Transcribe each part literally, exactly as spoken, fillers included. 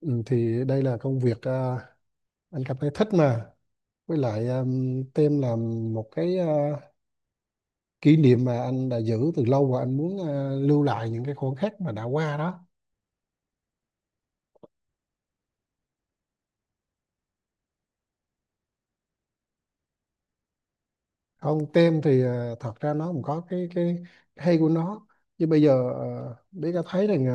Ừ, thì đây là công việc à, anh cảm thấy thích mà, với lại um, tem là một cái à, kỷ niệm mà anh đã giữ từ lâu, và anh muốn à, lưu lại những cái khoảnh khắc mà đã qua đó. Không tem thì à, thật ra nó cũng có cái cái hay của nó, nhưng bây giờ uh, biết có thấy rằng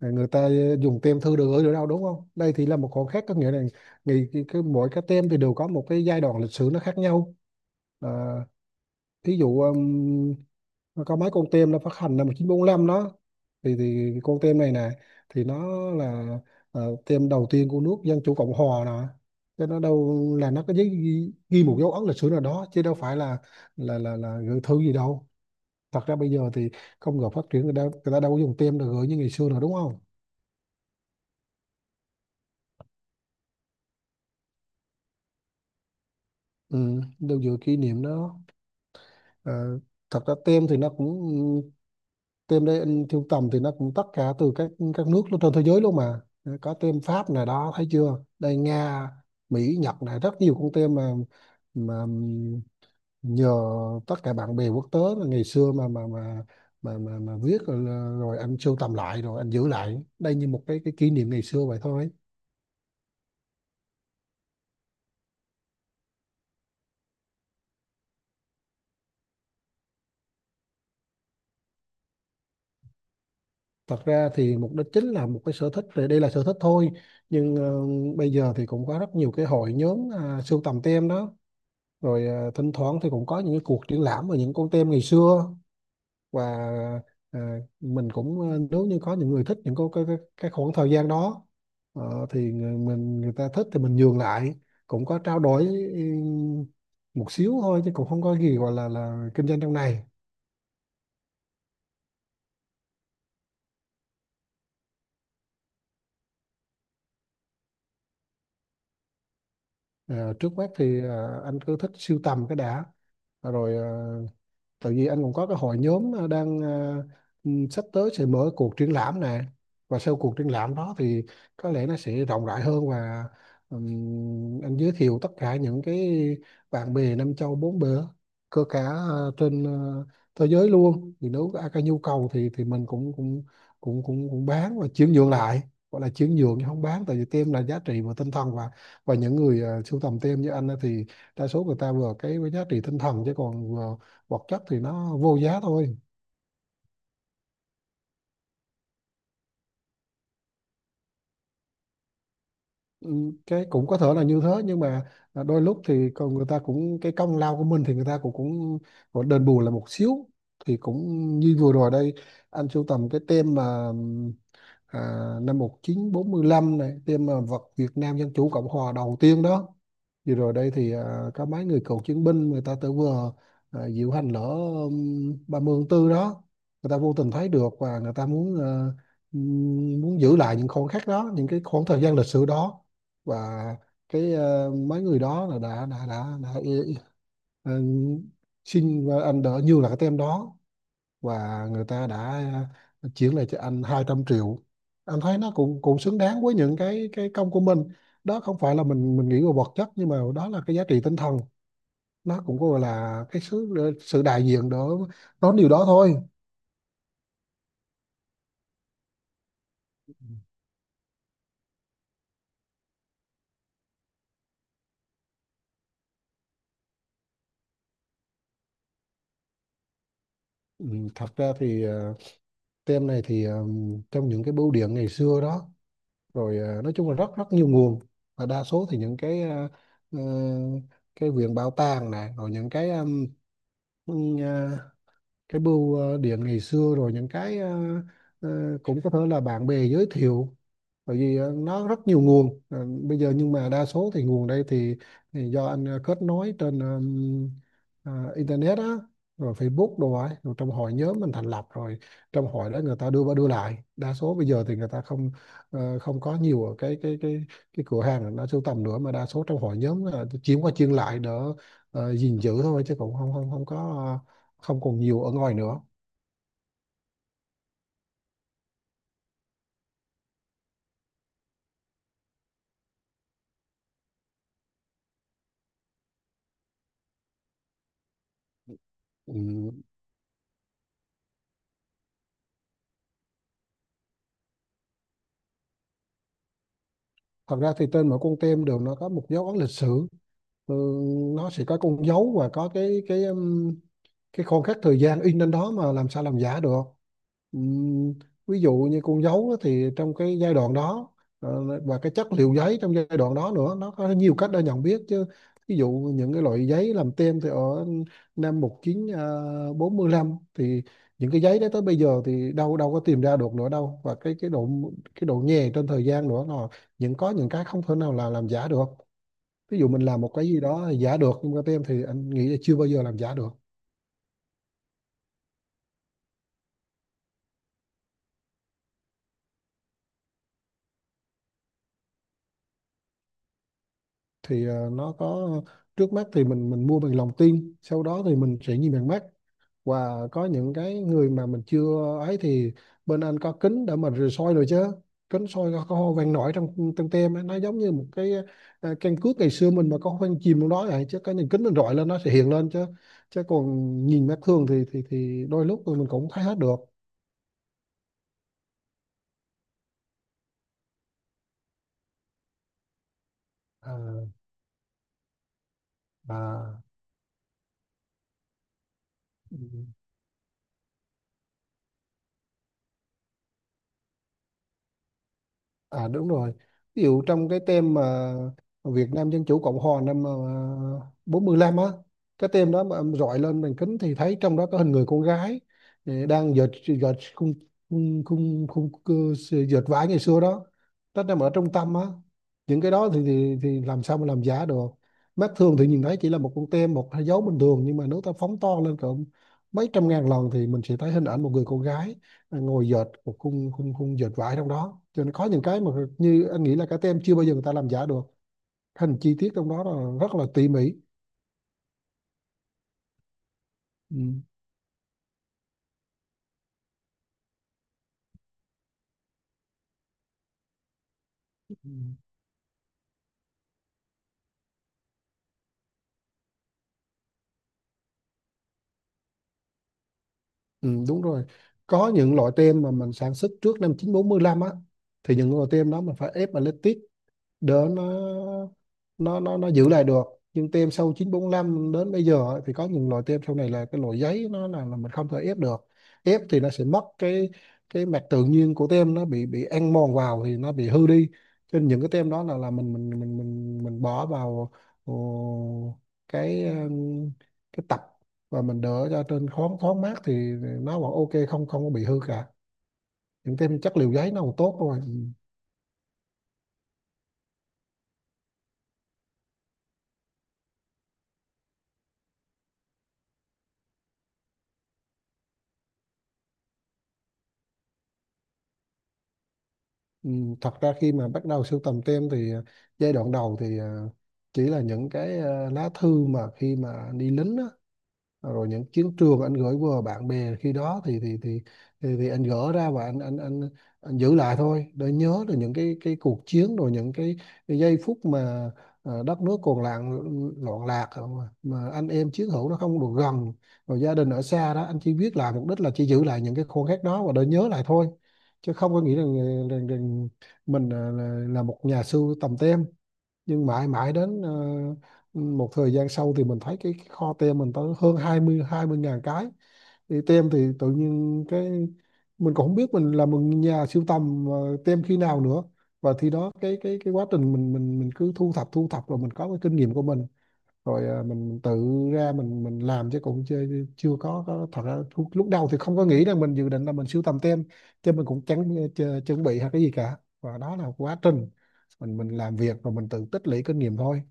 à, người ta dùng tem thư được gửi được đâu, đúng không? Đây thì là một khoảnh khắc, có nghĩa là ngày, cái, cái, mỗi cái tem thì đều có một cái giai đoạn lịch sử nó khác nhau. À, thí dụ um, nó có mấy con tem nó phát hành năm một nghìn chín trăm bốn lăm đó, thì thì con tem này nè, thì nó là ờ, tem đầu tiên của nước Dân chủ Cộng hòa nè, cho nó đâu là nó có giấy ghi, ghi một dấu ấn lịch sử nào đó chứ đâu phải là là là là gửi thư gì đâu. Thật ra bây giờ thì công nghiệp phát triển, người ta người ta đâu có dùng tem để gửi như ngày xưa nữa, đúng không? Ừ, đâu dựa kỷ niệm đó. Ờ, thật ra tem thì nó cũng, tem đây anh sưu tầm thì nó cũng tất cả từ các các nước trên thế giới luôn mà, có tem Pháp này đó, thấy chưa, đây Nga, Mỹ, Nhật này, rất nhiều con tem mà, mà nhờ tất cả bạn bè quốc tế là ngày xưa mà mà mà mà mà, mà viết rồi, rồi anh sưu tầm lại rồi anh giữ lại đây như một cái cái kỷ niệm ngày xưa vậy thôi. Thật ra thì mục đích chính là một cái sở thích rồi, đây là sở thích thôi, nhưng ờ, bây giờ thì cũng có rất nhiều cái hội nhóm à, sưu tầm tem đó, rồi à, thỉnh thoảng thì cũng có những cái cuộc triển lãm về những con tem ngày xưa. Và à, mình cũng à, nếu như có những người thích những cái cái, cái cái khoảng thời gian đó, ờ, thì người, mình người ta thích thì mình nhường lại, cũng có trao đổi ừm, một xíu thôi, chứ cũng không có gì gọi là là kinh doanh trong này. Ờ, trước mắt thì à, anh cứ thích sưu tầm cái đã, rồi à, tại vì anh cũng có cái hội nhóm ờ, đang ờ, ừm, sắp tới sẽ mở cuộc triển lãm này, và sau cuộc triển lãm đó thì có lẽ nó sẽ rộng rãi hơn. Và ừm, anh giới thiệu tất cả những cái bạn bè năm châu bốn bể, cơ cả ờ, trên ờ, thế giới luôn, thì nếu có ai có nhu cầu thì thì mình cũng cũng cũng cũng cũng bán và chuyển nhượng lại. Gọi là chuyển nhượng chứ không bán, tại vì tem là giá trị và tinh thần, và và những người ờ, sưu tầm tem như anh á thì đa số người ta vừa cái với giá trị tinh thần, chứ còn vừa vật chất thì nó vô giá thôi. Ừ, cái cũng có thể là như thế, nhưng mà à, đôi lúc thì còn người ta cũng cái công lao của mình thì người ta cũng cũng cũng đền bù là một xíu thì cũng, như vừa rồi đây anh sưu tầm cái tem mà à, năm một nghìn chín trăm bốn mươi lăm này, thêm mà vật Việt Nam Dân Chủ Cộng Hòa đầu tiên đó. Vừa rồi đây thì à, có mấy người cựu chiến binh người ta tự vừa à, diễu hành lễ um, ba mươi tháng tư đó, người ta vô tình thấy được và người ta muốn à, muốn giữ lại những khoảnh khắc đó, những cái khoảng thời gian lịch sử đó. Và cái à, mấy người đó là đã đã đã, đã, đã đã, đã xin, và anh đỡ như là cái tem đó, và người ta đã ờ, chuyển lại cho anh hai trăm triệu. Anh thấy nó cũng cũng xứng đáng với những cái cái công của mình. Đó không phải là mình mình nghĩ về vật chất, nhưng mà đó là cái giá trị tinh thần, nó cũng gọi là cái sự, sự đại diện đó, đó điều đó thôi. Ừ, thật ra thì ờ, tem này thì ờ, trong những cái bưu điện ngày xưa đó, rồi ờ, nói chung là rất rất nhiều nguồn. Và đa số thì những cái ờ, ờ, cái viện bảo tàng này, rồi những cái um, cái bưu ờ, điện ngày xưa, rồi những cái ờ, ờ, cũng có thể là bạn bè giới thiệu, bởi vì ờ, nó rất nhiều nguồn. Ờ, bây giờ nhưng mà đa số thì nguồn đây thì, thì do anh ờ, kết nối trên ờm, ờ, internet á, rồi Facebook đồ ấy, rồi trong hội nhóm mình thành lập rồi, trong hội đó người ta đưa qua đưa lại. Đa số bây giờ thì người ta không, ờ, không có nhiều ở cái cái cái cái cửa hàng nó sưu tầm nữa, mà đa số trong hội nhóm là chiếm qua chiên lại đỡ ờ, gìn giữ thôi, chứ cũng không không không có, không còn nhiều ở ngoài nữa. Ừ. Thật ra thì trên mỗi con tem đều nó có một dấu ấn lịch sử. Ừ, nó sẽ có con dấu và có cái cái um, cái khoảng khắc thời gian in lên đó, mà làm sao làm giả được. Ừm, ví dụ như con dấu á, thì trong cái giai đoạn đó ờ, và cái chất liệu giấy trong giai đoạn đó nữa, nó có nhiều cách để nhận biết chứ. Ví dụ những cái loại giấy làm tem thì ở năm một chín ờ, bốn lăm thì những cái giấy đó tới bây giờ thì đâu đâu có tìm ra được nữa đâu. Và cái cái độ, cái độ nhè trên thời gian nữa là những, có những cái không thể nào là làm giả được. Ví dụ mình làm một cái gì đó giả được, nhưng mà tem thì anh nghĩ là chưa bao giờ làm giả được. Thì ờ, nó có, trước mắt thì mình mình mua bằng lòng tin, sau đó thì mình sẽ nhìn bằng mắt. Và có những cái người mà mình chưa ấy thì bên anh có kính để mình rồi soi rồi chứ, kính soi có, có hoa văn nổi trong trong tem ấy. Nó giống như một cái ờ, căn cước ngày xưa mình mà có hoa văn chìm trong đó vậy, chứ cái nhìn kính mình rọi lên nó sẽ hiện lên chứ. Chứ còn nhìn mắt thường thì thì thì đôi lúc mình cũng thấy hết được. À, à. À đúng rồi. Ví dụ trong cái tem mà Việt Nam Dân Chủ Cộng Hòa năm à, bốn lăm á, cái tem đó mà em rọi lên màn kính thì thấy trong đó có hình người con gái eh, đang dệt, dệt khung, khung khung, khung cơ- dệt vải ngày xưa đó. Nó nằm ở trung tâm á. Những cái đó thì, thì thì làm sao mà làm giả được. Mắt thường thì nhìn thấy chỉ là một con tem, một dấu bình thường, nhưng mà nếu ta phóng to lên cỡ mấy trăm ngàn lần thì mình sẽ thấy hình ảnh một người con gái ngồi dệt một khung khung khung dệt vải trong đó. Cho nên có những cái mà như anh nghĩ là các tem chưa bao giờ người ta làm giả được, thành chi tiết trong đó là rất là tỉ mỉ. Ừ. Ừ. Ừ, đúng rồi. Có những loại tem mà mình sản xuất trước năm một nghìn chín trăm bốn mươi lăm á, thì những loại tem đó mình phải ép mà đỡ nó, nó nó nó giữ lại được. Nhưng tem sau chín bốn lăm đến bây giờ ấy, thì có những loại tem sau này là cái loại giấy nó là, là mình không thể ép được. Ép thì nó sẽ mất cái cái mặt tự nhiên của tem, nó bị bị ăn mòn vào thì nó bị hư đi. Cho nên những cái tem đó là là mình mình mình mình mình bỏ vào ờ, cái ừm, cái tập, và mình đỡ ra trên thoáng thoáng mát thì nó vẫn ok, không không có bị hư cả, những tem chất liệu giấy nó còn tốt thôi. Ừ, thật ra khi mà bắt đầu sưu tầm tem thì ờ, giai đoạn đầu thì ờ, chỉ là những cái ờ, lá thư mà khi mà đi lính á, rồi những chiến trường anh gửi qua bạn bè khi đó thì thì thì thì, thì anh gỡ ra và anh anh anh anh giữ lại thôi để nhớ được những cái cái cuộc chiến, rồi những cái, cái giây phút mà ờ, đất nước còn loạn loạn lạc à, mà, mà anh em chiến hữu nó không được gần, rồi gia đình ở xa đó, anh chỉ viết lại mục đích là chỉ giữ lại những cái khoảnh khắc đó và để nhớ lại thôi, chứ không có nghĩ rằng, rằng, rằng mình là, là là một nhà sưu tầm tem. Nhưng mãi mãi đến ờ, một thời gian sau thì mình thấy cái, cái kho tem mình tới hơn hai mươi hai mươi ngàn cái thì tem, thì tự nhiên cái mình cũng không biết mình là một nhà sưu tầm ờ, tem khi nào nữa. Và thì đó cái cái cái quá trình mình mình mình cứ thu thập, thu thập rồi mình có cái kinh nghiệm của mình, rồi à, mình, mình tự ra mình mình làm, chứ cũng chưa, chưa có, có, thật ra lúc, lúc đầu thì không có nghĩ rằng mình dự định là mình sưu tầm tem, chứ mình cũng chẳng ch- chuẩn bị hay cái gì cả, và đó là quá trình mình mình làm việc và mình tự tích lũy kinh nghiệm thôi.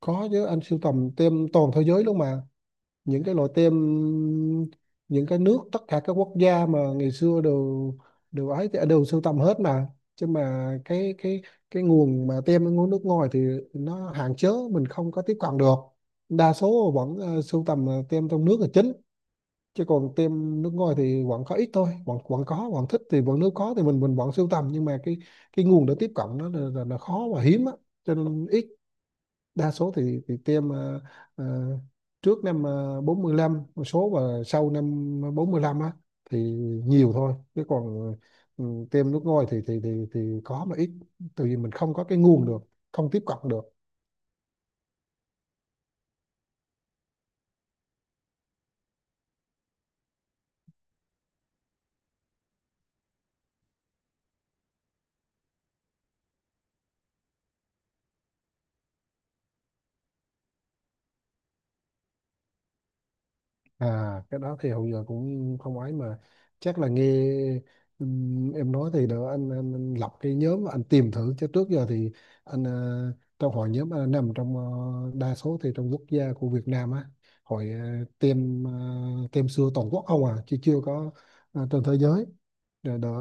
Có chứ, anh sưu tầm tem toàn thế giới luôn mà. Những cái loại tem, những cái nước, tất cả các quốc gia mà ngày xưa đều đều ấy thì đều sưu tầm hết mà. Chứ mà cái cái cái nguồn mà tem ở nguồn nước ngoài thì nó hạn chế, mình không có tiếp cận được. Đa số vẫn ờ, sưu tầm ờ, tem trong nước là chính, chứ còn tem nước ngoài thì vẫn có ít thôi, vẫn vẫn có, vẫn thích, thì vẫn, nếu có thì mình mình vẫn sưu tầm, nhưng mà cái cái nguồn để tiếp cận nó là, là, là khó và hiếm á, cho nên ít. Đa số thì thì tiêm ờ, ờ, trước năm ờ, bốn lăm một số, và sau năm bốn lăm á thì nhiều thôi, chứ còn ừ, tiêm nước ngoài thì thì thì thì có mà ít, tại vì mình không có cái nguồn được, không tiếp cận được. À, cái đó thì hầu giờ cũng không ấy mà, chắc là nghe ừm, em nói thì đỡ anh, anh, anh lập cái nhóm anh tìm thử. Chứ trước giờ thì anh ờ, trong hội nhóm anh nằm trong ờ, đa số thì trong quốc gia của Việt Nam á, hội uh, tem, uh, tem xưa toàn quốc không à, chứ chưa có ờ, trên thế giới. Rồi đó,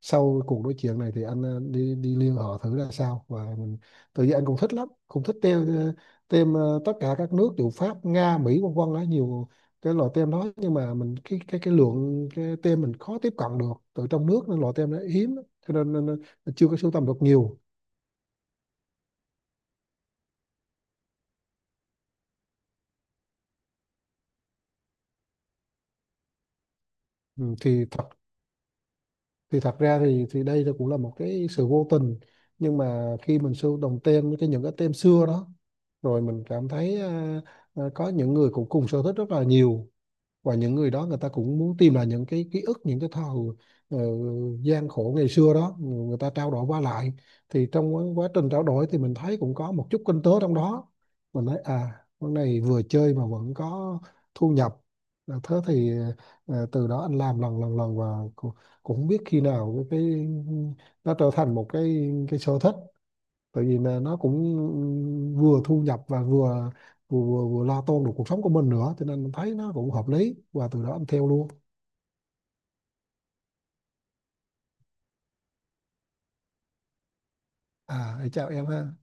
sau cuộc nói chuyện này thì anh ờ, đi đi liên hệ thử ra sao. Và mình tự nhiên anh cũng thích lắm, cũng thích tem ờ, tem ờ, tất cả các nước, dù Pháp, Nga, Mỹ, vân vân đó, nhiều cái loại tem đó. Nhưng mà mình cái cái cái lượng cái tem mình khó tiếp cận được từ trong nước, nên loại tem nó hiếm, cho nên, nên, nên chưa có sưu tầm được nhiều. Ừ, thì thật thì thật ra thì thì đây là cũng là một cái sự vô tình, nhưng mà khi mình sưu đồng tem cái những cái tem xưa đó, rồi mình cảm thấy à, à, có những người cũng cùng sở thích rất là nhiều. Và những người đó người ta cũng muốn tìm lại những cái ký ức, những cái thời ờ, gian khổ ngày xưa đó, người người ta trao đổi qua lại. Thì trong quá quá trình trao đổi thì mình thấy cũng có một chút kinh tế trong đó. Mình thấy à, con này vừa chơi mà vẫn có thu nhập. À, thế thì ờ, từ đó anh làm lần lần lần, và cũng, cũng không biết khi nào cái, cái nó trở thành một cái cái sở thích. Tại vì là nó cũng vừa thu nhập và vừa vừa vừa, vừa lo toan được cuộc sống của mình nữa, cho nên mình thấy nó cũng hợp lý, và từ đó em theo luôn. À, chào em ha.